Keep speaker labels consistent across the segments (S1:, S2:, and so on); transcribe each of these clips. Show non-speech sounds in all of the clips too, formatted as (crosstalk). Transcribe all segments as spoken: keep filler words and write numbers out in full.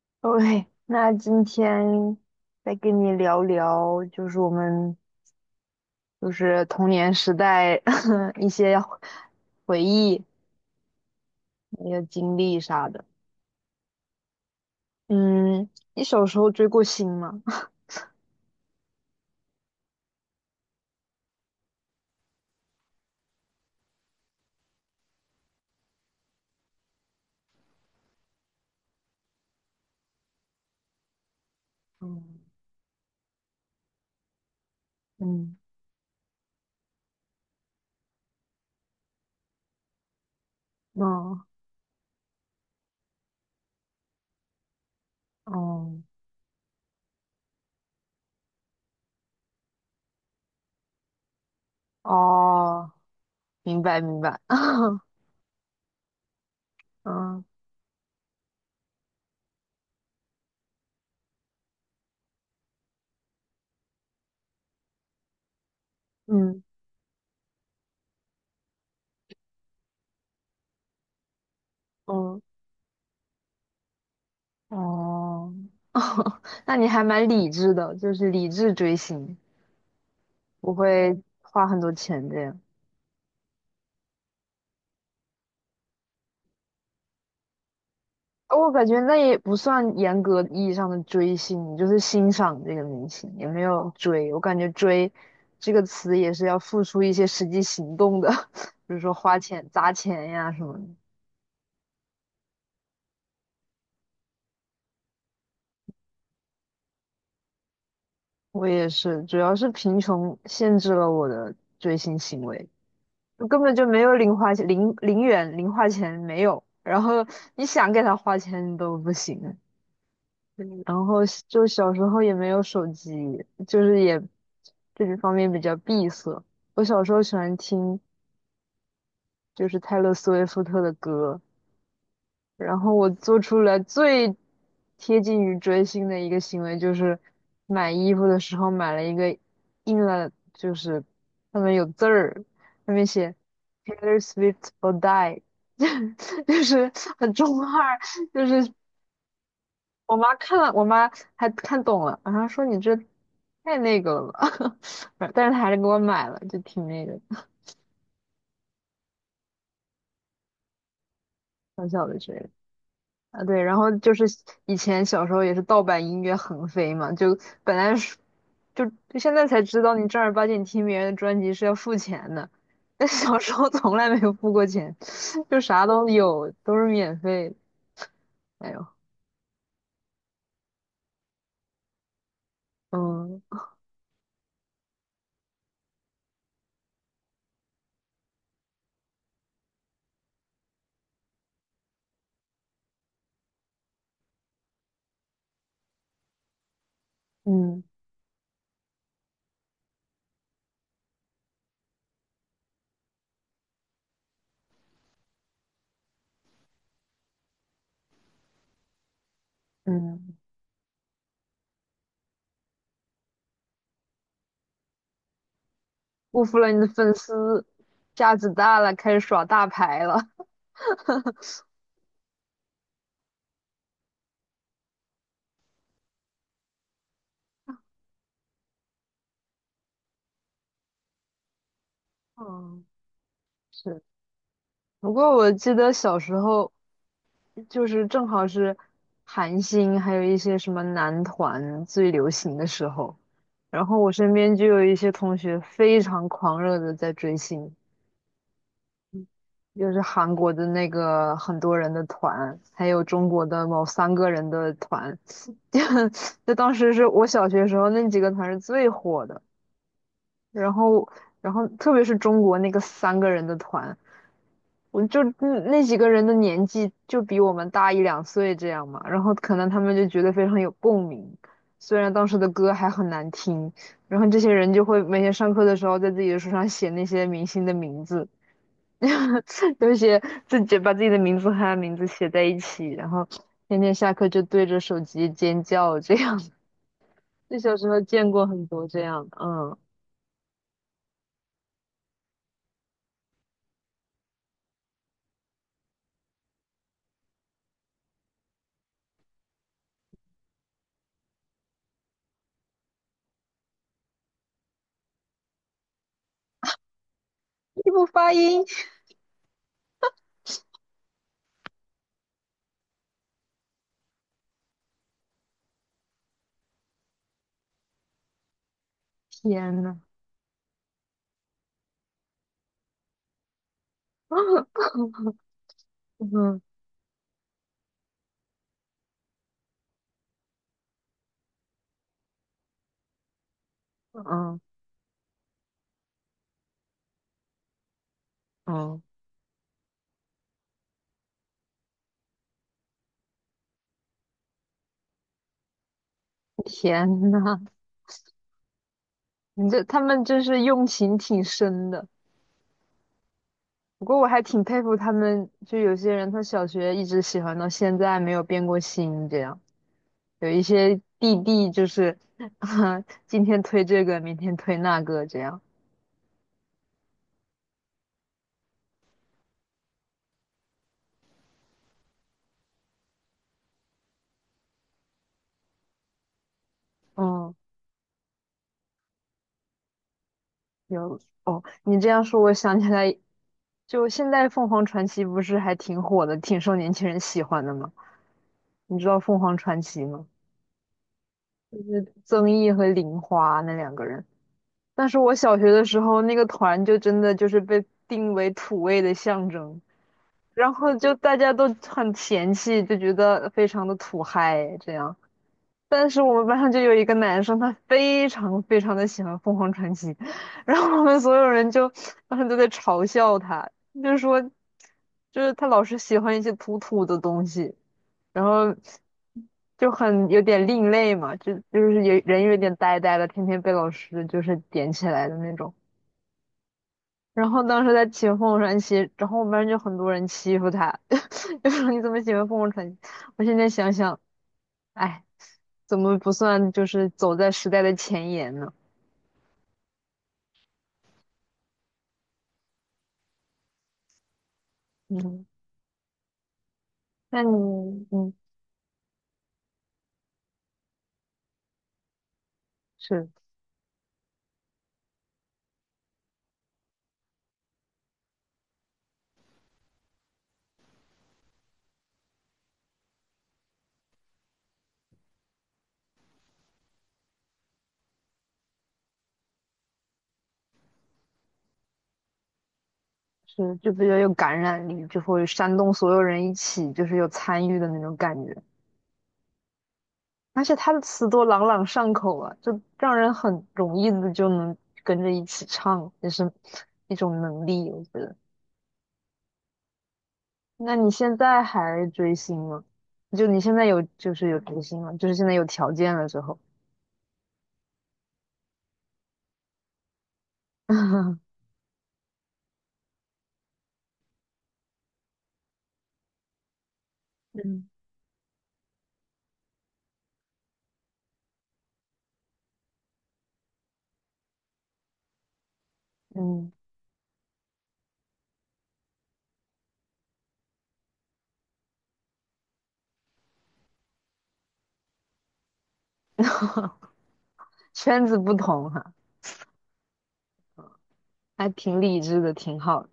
S1: (laughs) OK，那今天再跟你聊聊，就是我们就是童年时代 (laughs) 一些回忆、一些经历啥的。嗯，你小时候追过星吗？(laughs) 嗯嗯嗯嗯哦，明白明白。(laughs) 嗯嗯嗯哦，(laughs) 那你还蛮理智的，就是理智追星，不会花很多钱这样。我感觉那也不算严格意义上的追星，你就是欣赏这个明星，也没有追。我感觉"追"这个词也是要付出一些实际行动的，(laughs) 比如说花钱、砸钱呀什么的。我也是，主要是贫穷限制了我的追星行为，我根本就没有零花钱，零零元零花钱没有。然后你想给他花钱都不行。嗯然后小就小时候也没有手机，就是也这个方面比较闭塞。我小时候喜欢听就是泰勒·斯威夫特的歌，然后我做出来最贴近于追星的一个行为就是买衣服的时候买了一个印了就是上面有字儿，上面写 Taylor Swift or Die，(laughs) 就是很中二，就是我妈看了，我妈还看懂了，然后说你这太那个了吧，(laughs) 但是她还是给我买了，就挺那个小小的这个啊，对，然后就是以前小时候也是盗版音乐横飞嘛，就本来是就就现在才知道你正儿八经听别人的专辑是要付钱的，但小时候从来没有付过钱，(laughs) 就啥都有，都是免费的，哎呦，嗯嗯嗯，辜负了你的粉丝，架子大了，开始耍大牌了。嗯，是。不过我记得小时候，就是正好是韩星，还有一些什么男团最流行的时候，然后我身边就有一些同学非常狂热的在追星，就是韩国的那个很多人的团，还有中国的某三个人的团，(laughs) 就就当时是我小学时候那几个团是最火的，然后然后特别是中国那个三个人的团。我就嗯那几个人的年纪就比我们大一两岁这样嘛，然后可能他们就觉得非常有共鸣，虽然当时的歌还很难听，然后这些人就会每天上课的时候在自己的书上写那些明星的名字，(laughs) 就写自己把自己的名字和他的名字写在一起，然后天天下课就对着手机尖叫这样。(laughs) 就小时候见过很多这样的，嗯，一不发音，天呐，(laughs) 嗯嗯嗯，天呐。你这他们真是用情挺深的。不过我还挺佩服他们，就有些人他小学一直喜欢到现在没有变过心，这样有一些弟弟就是啊，(laughs) 今天推这个，明天推那个，这样。嗯，有哦，你这样说，我想起来，就现在凤凰传奇不是还挺火的，挺受年轻人喜欢的吗？你知道凤凰传奇吗？曾毅和玲花那两个人。但是我小学的时候，那个团就真的就是被定为土味的象征，然后就大家都很嫌弃，就觉得非常的土嗨这样。但是我们班上就有一个男生，他非常非常的喜欢凤凰传奇，然后我们所有人就当时都在嘲笑他，就是说，就是他老是喜欢一些土土的东西，然后就很有点另类嘛，就就是有人有点呆呆的，天天被老师就是点起来的那种。然后当时在骑凤凰传奇，然后我们班就很多人欺负他，(laughs) 就说你怎么喜欢凤凰传奇？我现在想想，哎，怎么不算就是走在时代的前沿呢？嗯，那你嗯是是就比较有感染力，就会煽动所有人一起，就是有参与的那种感觉。而且他的词多朗朗上口啊，就让人很容易的就能跟着一起唱，也是一种能力，我觉得。那你现在还追星吗？就你现在有就是有追星吗？就是现在有条件了之后，(laughs) 嗯，嗯，圈子不同哈，还挺理智的，挺好。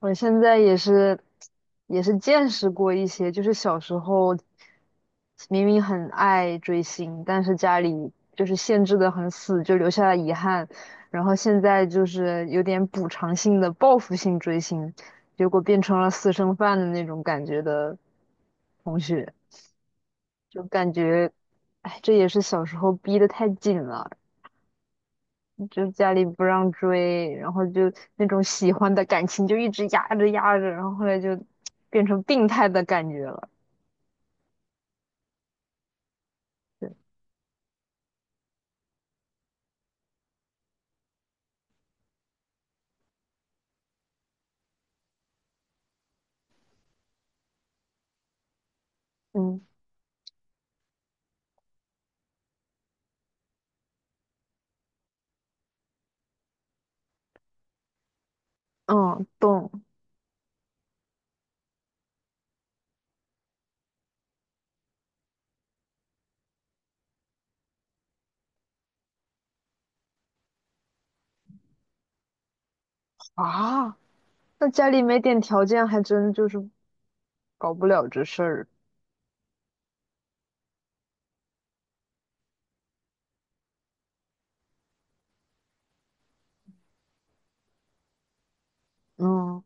S1: 我现在也是，也是见识过一些，就是小时候明明很爱追星，但是家里就是限制的很死，就留下了遗憾。然后现在就是有点补偿性的报复性追星，结果变成了私生饭的那种感觉的同学，就感觉，哎，这也是小时候逼得太紧了。就家里不让追，然后就那种喜欢的感情就一直压着压着，然后后来就变成病态的感觉了。对嗯嗯，懂啊。那家里没点条件，还真就是搞不了这事儿。嗯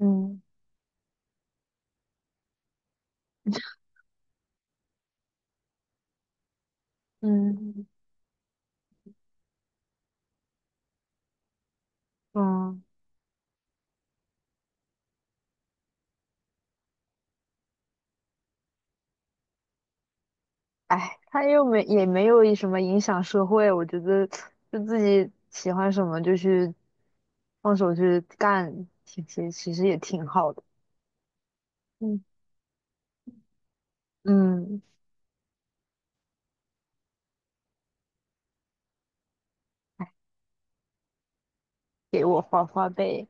S1: 嗯嗯嗯，哎，他又没也没有什么影响社会，我觉得就自己喜欢什么就去放手去干，其实其实也挺好的。嗯嗯。给我花花呗。